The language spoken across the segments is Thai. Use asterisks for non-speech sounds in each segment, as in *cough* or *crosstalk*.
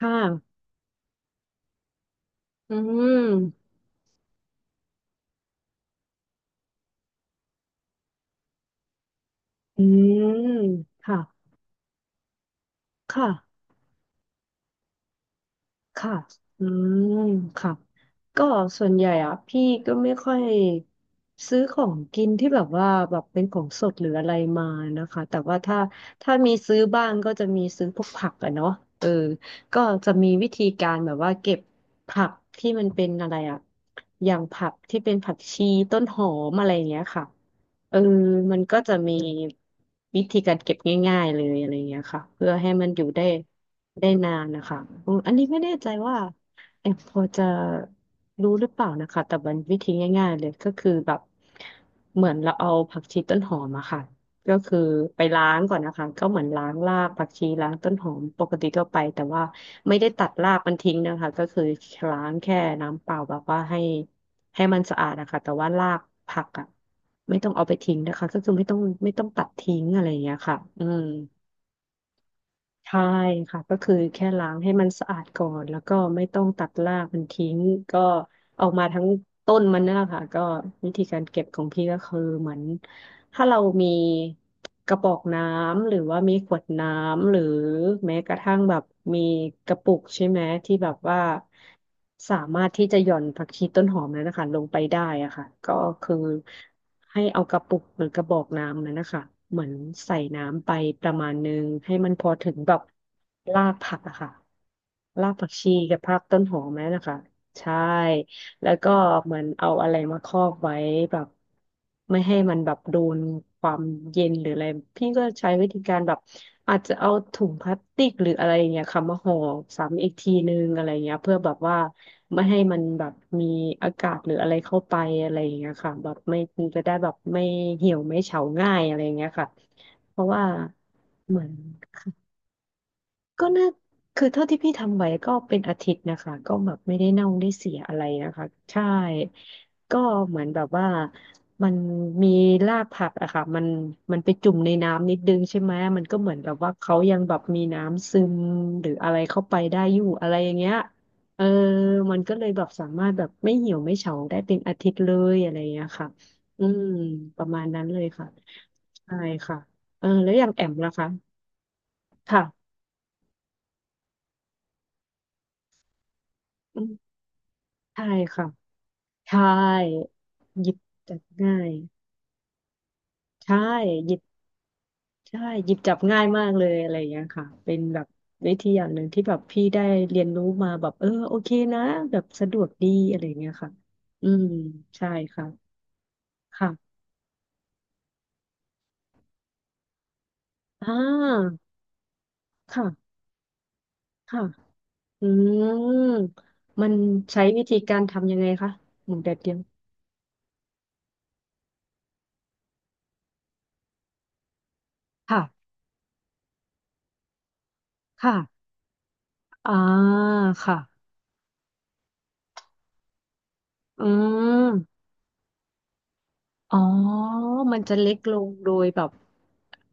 ค่ะอืมอืมค่ะค่ะค่ะอืมค่ะก็ส่วนใหญ่อ่ะพี่ก็ไม่ค่อยซื้อของกินที่แบบว่าแบบเป็นของสดหรืออะไรมานะคะแต่ว่าถ้ามีซื้อบ้างก็จะมีซื้อพวกผักอะเนาะเออก็จะมีวิธีการแบบว่าเก็บผักที่มันเป็นอะไรอะอย่างผักที่เป็นผักชีต้นหอมอะไรอย่างเงี้ยค่ะ เออมันก็จะมีวิธีการเก็บง่ายๆเลยอะไรอย่างเงี้ยค่ะเพื่อให้มันอยู่ได้ได้นานนะคะอืมอันนี้ไม่แน่ใจว่าแอมพอจะรู้หรือเปล่านะคะแต่มันวิธีง่ายๆเลยก็คือแบบเหมือนเราเอาผักชีต้นหอมอะค่ะ ก็คือไปล้างก่อนนะคะก็เหมือนล้างรากผักชีล้างต้นหอมปกติทั่วไปแต่ว่าไม่ได้ตัดรากมันทิ้งนะคะก็คือล้างแค่น้ำเปล่าแบบว่าให้มันสะอาดนะคะแต่ว่ารากผักอ่ะไม่ต้องเอาไปทิ้งนะคะก็คือไม่ต้องตัดทิ้งอะไรอย่างเงี้ยค่ะอืมใช่ค่ะก็คือแค่ล้างให้มันสะอาดก่อนแล้วก็ไม่ต้องตัดรากมันทิ้งก็ ออกมาทั้งต้นมันนั่นแหละค่ะก็วิธีการเก็บของพี่ก็คือเหมือนถ้าเรามีกระบอกน้ำหรือว่ามีขวดน้ำหรือแม้กระทั่งแบบมีกระปุกใช่ไหมที่แบบว่าสามารถที่จะหย่อนผักชีต้นหอมนั้นนะคะลงไปได้อะค่ะก็คือให้เอากระปุกหรือกระบอกน้ำนั้นนะคะเหมือนใส่น้ำไปประมาณนึงให้มันพอถึงแบบรากผักอะค่ะรากผักชีกับรากต้นหอมนั่นนะคะใช่ แล้วก็เหมือนเอาอะไรมาครอบไว้แบบไม่ให้มันแบบโดนความเย็นหรืออะไรพี่ก็ใช้วิธีการแบบอาจจะเอาถุงพลาสติกหรืออะไรอย่างเงี้ยค่ะมาห่อซ้ำอีกทีนึงอะไรอย่างเงี้ยเพื่อแบบว่าไม่ให้มันแบบมีอากาศหรืออะไรเข้าไปอะไรอย่างเงี้ยค่ะแบบไม่จะได้แบบไม่เหี่ยวไม่เฉาง่ายอะไรอย่างเงี้ยค่ะเพราะว่าเหมือน ก็น่าคือเท่าที่พี่ทำไว้ก็เป็นอาทิตย์นะคะก็แบบไม่ได้เน่าได้เสียอะไรนะคะใช่ก็เหมือนแบบว่ามันมีรากผักอะค่ะมันไปจุ่มในน้ำนิดนึงใช่ไหมมันก็เหมือนแบบว่าเขายังแบบมีน้ำซึมหรืออะไรเข้าไปได้อยู่อะไรอย่างเงี้ยเออมันก็เลยแบบสามารถแบบไม่เหี่ยวไม่เฉาได้เป็นอาทิตย์เลยอะไรอย่างเงี้ยค่ะอืมประมาณนั้นเลยค่ะใช่ค่ะเออแล้วอย่างแอมล่ะคะค่ะอืมใช่ค่ะ ใช่หยิบจับง่ายใช่หยิบใช่หยิบจับง่ายมากเลยอะไรอย่างเงี้ยค่ะเป็นแบบวิธีอย่างหนึ่งที่แบบพี่ได้เรียนรู้มาแบบเออโอเคนะแบบสะดวกดีอะไรอย่างเงี้ยค่ะอืมใช่ค่ะค่ะอ่าค่ะค่ะอืมมันใช้วิธีการทำยังไงคะหมูแดดเดียวค่ะค่ะอ่าค่ะอืม อ๋อ มันจะเล็กลงโดยแบบ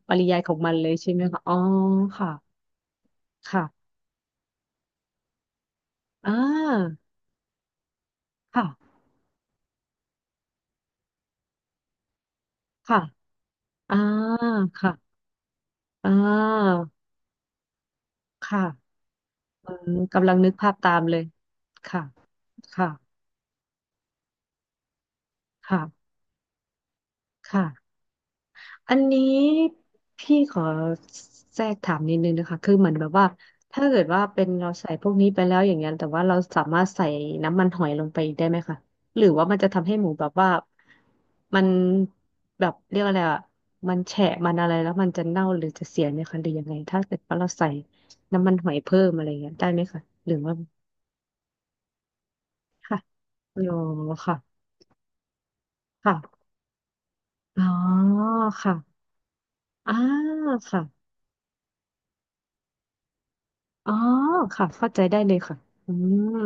ปริยายของมันเลยใช่ไหมคะอ๋อ ค่ะค่ะอ่าค่ะค่ะอ่าค่ะอ่าค่ะอืมกำลังนึกภาพตามเลย ค่ะ ค่ะ ค่ะ ค่ะ อันนี้พี่ขอแทรกถามนิดนึงนะคะ คือเหมือนแบบว่าถ้าเกิดว่าเป็นเราใส่พวกนี้ไปแล้วอย่างเงี้ยแต่ว่าเราสามารถใส่น้ำมันหอยลงไปได้ไหมคะหรือว่ามันจะทำให้หมูแบบว่ามันแบบเรียกอะไรอ่ะมันแฉะมันอะไรแล้วมันจะเน่าหรือจะเสียไหมคะหรือยังไงถ้าเกิดว่าเราใส่น้ำมันหอยเพิ่มอะไรเงี้ยได้ไหมคะหรือว่าค่ะอ๋อค่ะค่ะอ๋อค่ะอ่าค่ะ อ๋อค่ะเข้าใจได้เลยค่ะอืม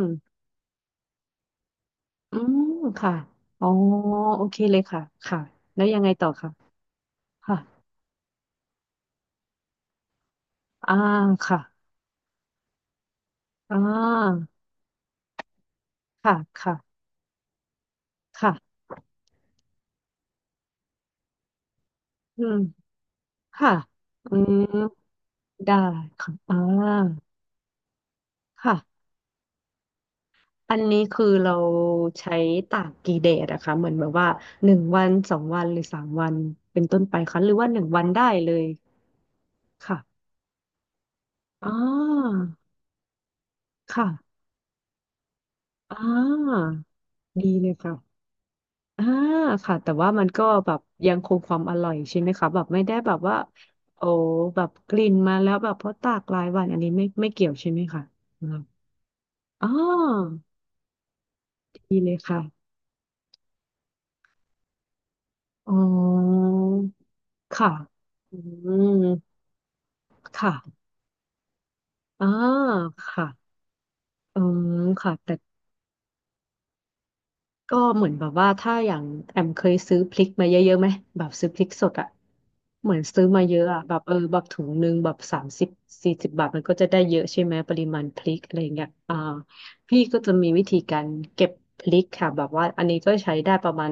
อืมค่ะอ๋อโอเคเลยค่ะค่ะแล้วยังไงต่อค่ะค่ะอ่าค่ะอ่าค่ะค่ะค่ะอืมค่ะอืมได้ค่ะอ่าค่ะอันนี้คือเราใช้ตากกี่แดดอะคะเหมือนแบบว่าหนึ่งวันสองวันหรือสามวันเป็นต้นไปคะหรือว่าหนึ่งวันได้เลยค่ะอ่าค่ะอ่าดีเลยค่ะ อ่าค่ะแต่ว่ามันก็แบบยังคงความอร่อยใช่ไหมคะแบบไม่ได้แบบว่าโอ้แบบกลิ่นมาแล้วแบบเพราะตากหลายวันอันนี้ไม่เกี่ยวใช่ไหมคะอืมอ๋อดีเลยค่ะอ๋อค่ะอืมค่ะอ่าค่ะอืมค่ะแต่ ก็เหมือนแบบว่าถ้าอย่างแอมเคยซื้อพริกมาเยอะๆไหมแบบซื้อพริกสดอะเหมือนซื้อมาเยอะอะแบบแบบถุงหนึงแบบ30-40 บาทมันก็จะได้เยอะใช่ไหมปริมาณพริกอะไรอย่างเงี้ยพี่ก็จะมีวิธีการเก็บพริกค่ะแบบว่าอันนี้ก็ใช้ได้ประมาณ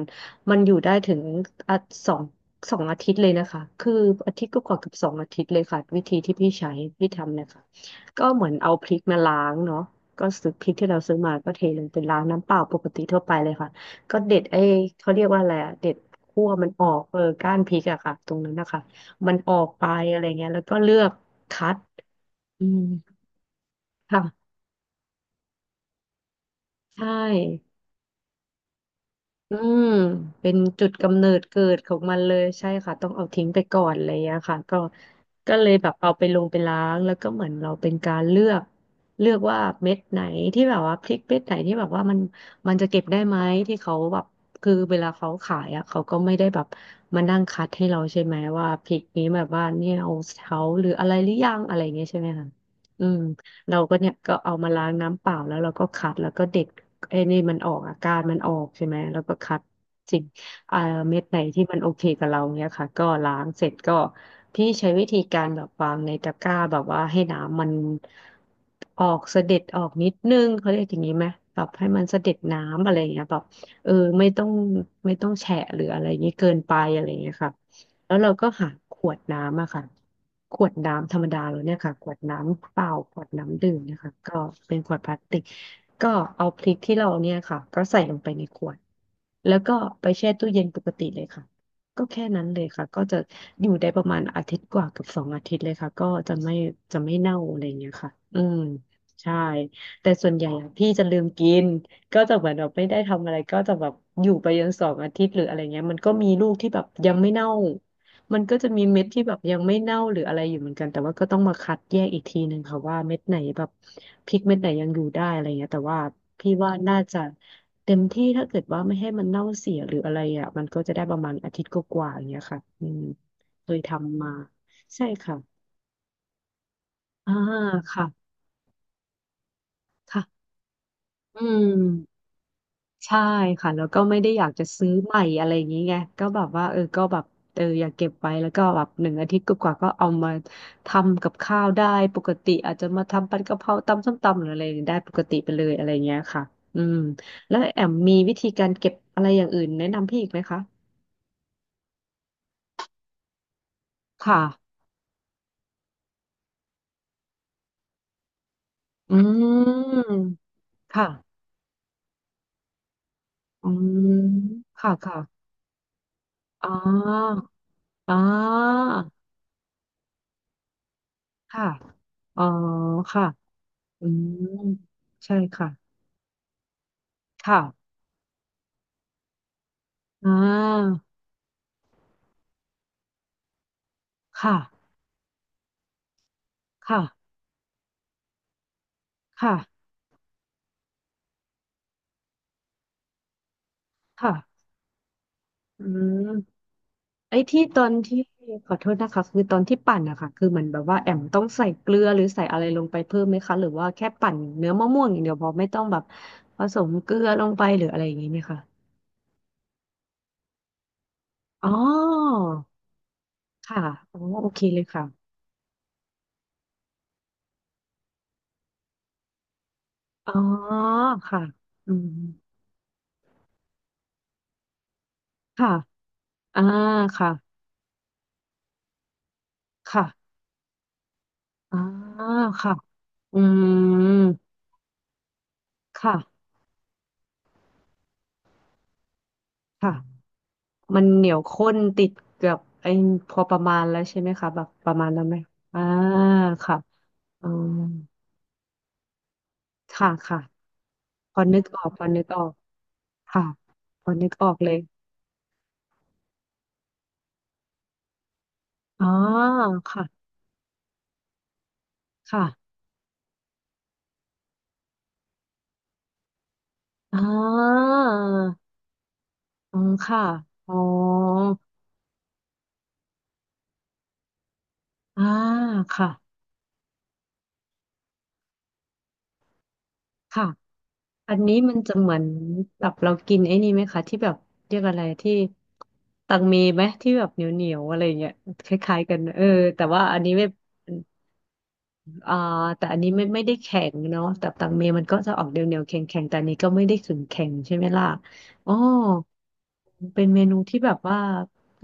มันอยู่ได้ถึงอ่ะสองสองอาทิตย์เลยนะคะคืออาทิตย์ก็กว่าๆเกับสองอาทิตย์เลยค่ะวิธีที่พี่ใช้พี่ทำเนี่ยค่ะก็เหมือนเอาพริกมาล้างเนาะ ก็ซื้อพริกที่เราซื้อมาก็เทลงเป็นล้างน้ำเปล่าปกติทั่วไปเลยค่ะก็เด็ดไอ้เขาเรียกว่าอะไรอะเด็ดคั่วมันออกก้านพริกอะค่ะตรงนั้นนะคะมันออกไปอะไรเงี้ยแล้วก็เลือกคัดอืมค่ะใช่ อืมเป็นจุดกำเนิดเกิดของมันเลยใช่ค่ะต้องเอาทิ้งไปก่อนอะไรอย่างเงี้ยค่ะก็ก็เลยแบบเอาไปลงไปล้างแล้วก็เหมือนเราเป็นการเลือกเลือกว่าเม็ดไหนที่แบบว่าพริกเม็ดไหนที่แบบว่ามันมันจะเก็บได้ไหมที่เขาแบบคือเวลาเขาขายอ่ะเขาก็ไม่ได้แบบมานั่งคัดให้เราใช่ไหมว่าพริกนี้แบบว่าเนี่ยเอาเขาหรืออะไรหรือยังอะไรอย่างเงี้ยใช่ไหมคะอืมเราก็เนี่ยก็เอามาล้างน้ำเปล่าแล้วเราก็คัดแล้วก็เด็ด ไอ้นี่มันออกอาการมันออกใช่ไหมแล้วก็คัดสิ่งเอ่อเม็ดไหนที่มันโอเคกับเราเนี้ยค่ะก็ล้างเสร็จก็พี่ใช้วิธีการแบบวางในตะกร้าแบบว่าให้น้ำมันออกเสด็จออกนิดนึงเขาเรียกอย่างนี้ไหมแบบให้มันเสด็จน้ำอะไรอย่างเงี้ยแบบเออไม่ต้องไม่ต้องแฉะหรืออะไรอย่างนี้เกินไปอะไรอย่างเงี้ยค่ะแล้วเราก็หาขวดน้ำอะค่ะขวดน้ำธรรมดาเราเนี่ยค่ะขวดน้ำเปล่าขวดน้ำดื่มเนะคะก็เป็นขวดพลาสติก ก็เอาพริกที่เราเนี่ยค่ะก็ใส่ลงไปในขวดแล้วก็ไปแช่ตู้เย็นปกติเลยค่ะก็แค่นั้นเลยค่ะก็จะอยู่ได้ประมาณอาทิตย์กว่ากับสองอาทิตย์เลยค่ะก็จะไม่เน่าอะไรอย่างเงี้ยค่ะอืมใช่แต่ส่วนใหญ่อะพี่จะลืมกินก็จะเหมือนแบบไม่ได้ทำอะไรก็จะแบบอยู่ไปจนสองอาทิตย์หรืออะไรเงี้ยมันก็มีลูกที่แบบยังไม่เน่า มันก็จะมีเม็ดที่แบบยังไม่เน่าหรืออะไรอยู่เหมือนกันแต่ว่าก็ต้องมาคัดแยกอีกทีหนึ่งค่ะว่าเม็ดไหนแบบพริกเม็ดไหนยังอยู่ได้อะไรเงี้ยแต่ว่าพี่ว่าน่าจะเต็มที่ถ้าเกิดว่าไม่ให้มันเน่าเสียหรืออะไรอ่ะมันก็จะได้ประมาณอาทิตย์กว่าๆอย่างเงี้ยค่ะอืมเคยทำมาใช่ค่ะอ่าค่ะค่ะอืม ใช่ค่ะแล้วก็ไม่ได้อยากจะซื้อใหม่อะไรอย่างนี้ไงก็แบบว่าก็แบบอยากเก็บไว้แล้วก็แบบ1 อาทิตย์กว่าๆก็เอามาทำกับข้าวได้ปกติอาจจะมาทำผัดกะเพราตำส้มตำหรืออะไรได้ปกติไปเลยอะไรเงี้ยค่ะอืมแล้วแอมมีวิธีการเก็บอะไรอย่างอื่นแนะนำพี่อีกไหมคะค่ะอืมค่ะอืมค่ะค่ะอ๋ออ๋อค่ะอ๋อค่ะอืมใช่ค่ะค่ะ อ่าค่ะค่ะค่ะค่ะอืมไอ้ที่ตอนที่ขอโทษนะคะคือตอนที่ปั่นอะคะคือเหมือนแบบว่าแอมต้องใส่เกลือหรือใส่อะไรลงไปเพิ่มไหมคะหรือว่าแค่ปั่นเนื้อมะม่วงอย่างเดียวพอไม่ต้องแบบผสมเกลือลงไปหรืออะไรอย่างนี้ไหมคะอ๋อค่ะอ๋อโอเคเลยค่ะอ๋อค่ะอืมค่ะอ่าค่ะค่ะอ่าค่ะอืมค่ะค่ะ มันเหนียวข้นติดกับไอ้พอประมาณแล้วใช่ไหมคะแบบประมาณนั้นไหมอ่าค่ะอืมค่ะค่ะพอนึกออกพอนึกออกค่ะพอนึกออกเลยอ๋อค่ะค่ะอ่าอืมค่ะอ๋ออ่าค่ะค่ะอันนี้มันจะเหมือนแบบเรากินไอ้นี่ไหมคะที่แบบเรียกอะไรที่ตังเมไหมที่แบบเหนียวเหนียวอะไรอย่างเงี้ยคล้ายๆกันแต่ว่าอันนี้ไม่ อ่าแต่อันนี้ไม่ได้แข็งเนาะแต่ตังเมมันก็จะออกเดียวเดียวแข็งแข็งๆแต่อันนี้ก็ไม่ได้ขึงแข็งใช่ไหมล่ะอ๋อเป็นเมนูที่แบบว่า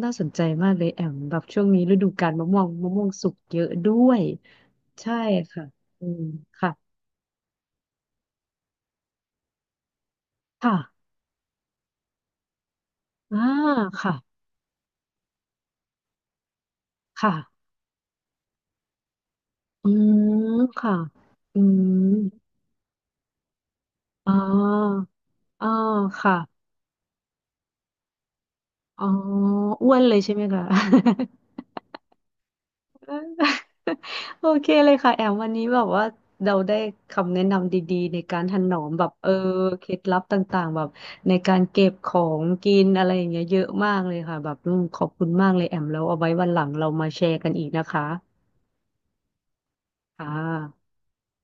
น่าสนใจมากเลยแอมแบบช่วงนี้ฤดูกาลมะม่วงมะม่วงสุกเยอะด้วยใช่ค่ะอืมค่ะค่ะอ่าค่ะค่ะอืมค่ะอืมอ๋ออ๋อค่ะอ๋ออ้วนเลยใช่ไหมคะ *laughs* *laughs* โอเคเลยค่ะแอมวันนี้แบบว่าเราได้คำแนะนำดีๆในการถนอมแบบเคล็ดลับต่างๆแบบในการเก็บของกินอะไรอย่างเงี้ยเยอะมากเลยค่ะแบบอืมขอบคุณมากเลยแอมแล้วเอาไว้วันหลังเรามาแชร์กันอีกนะคะค่ะ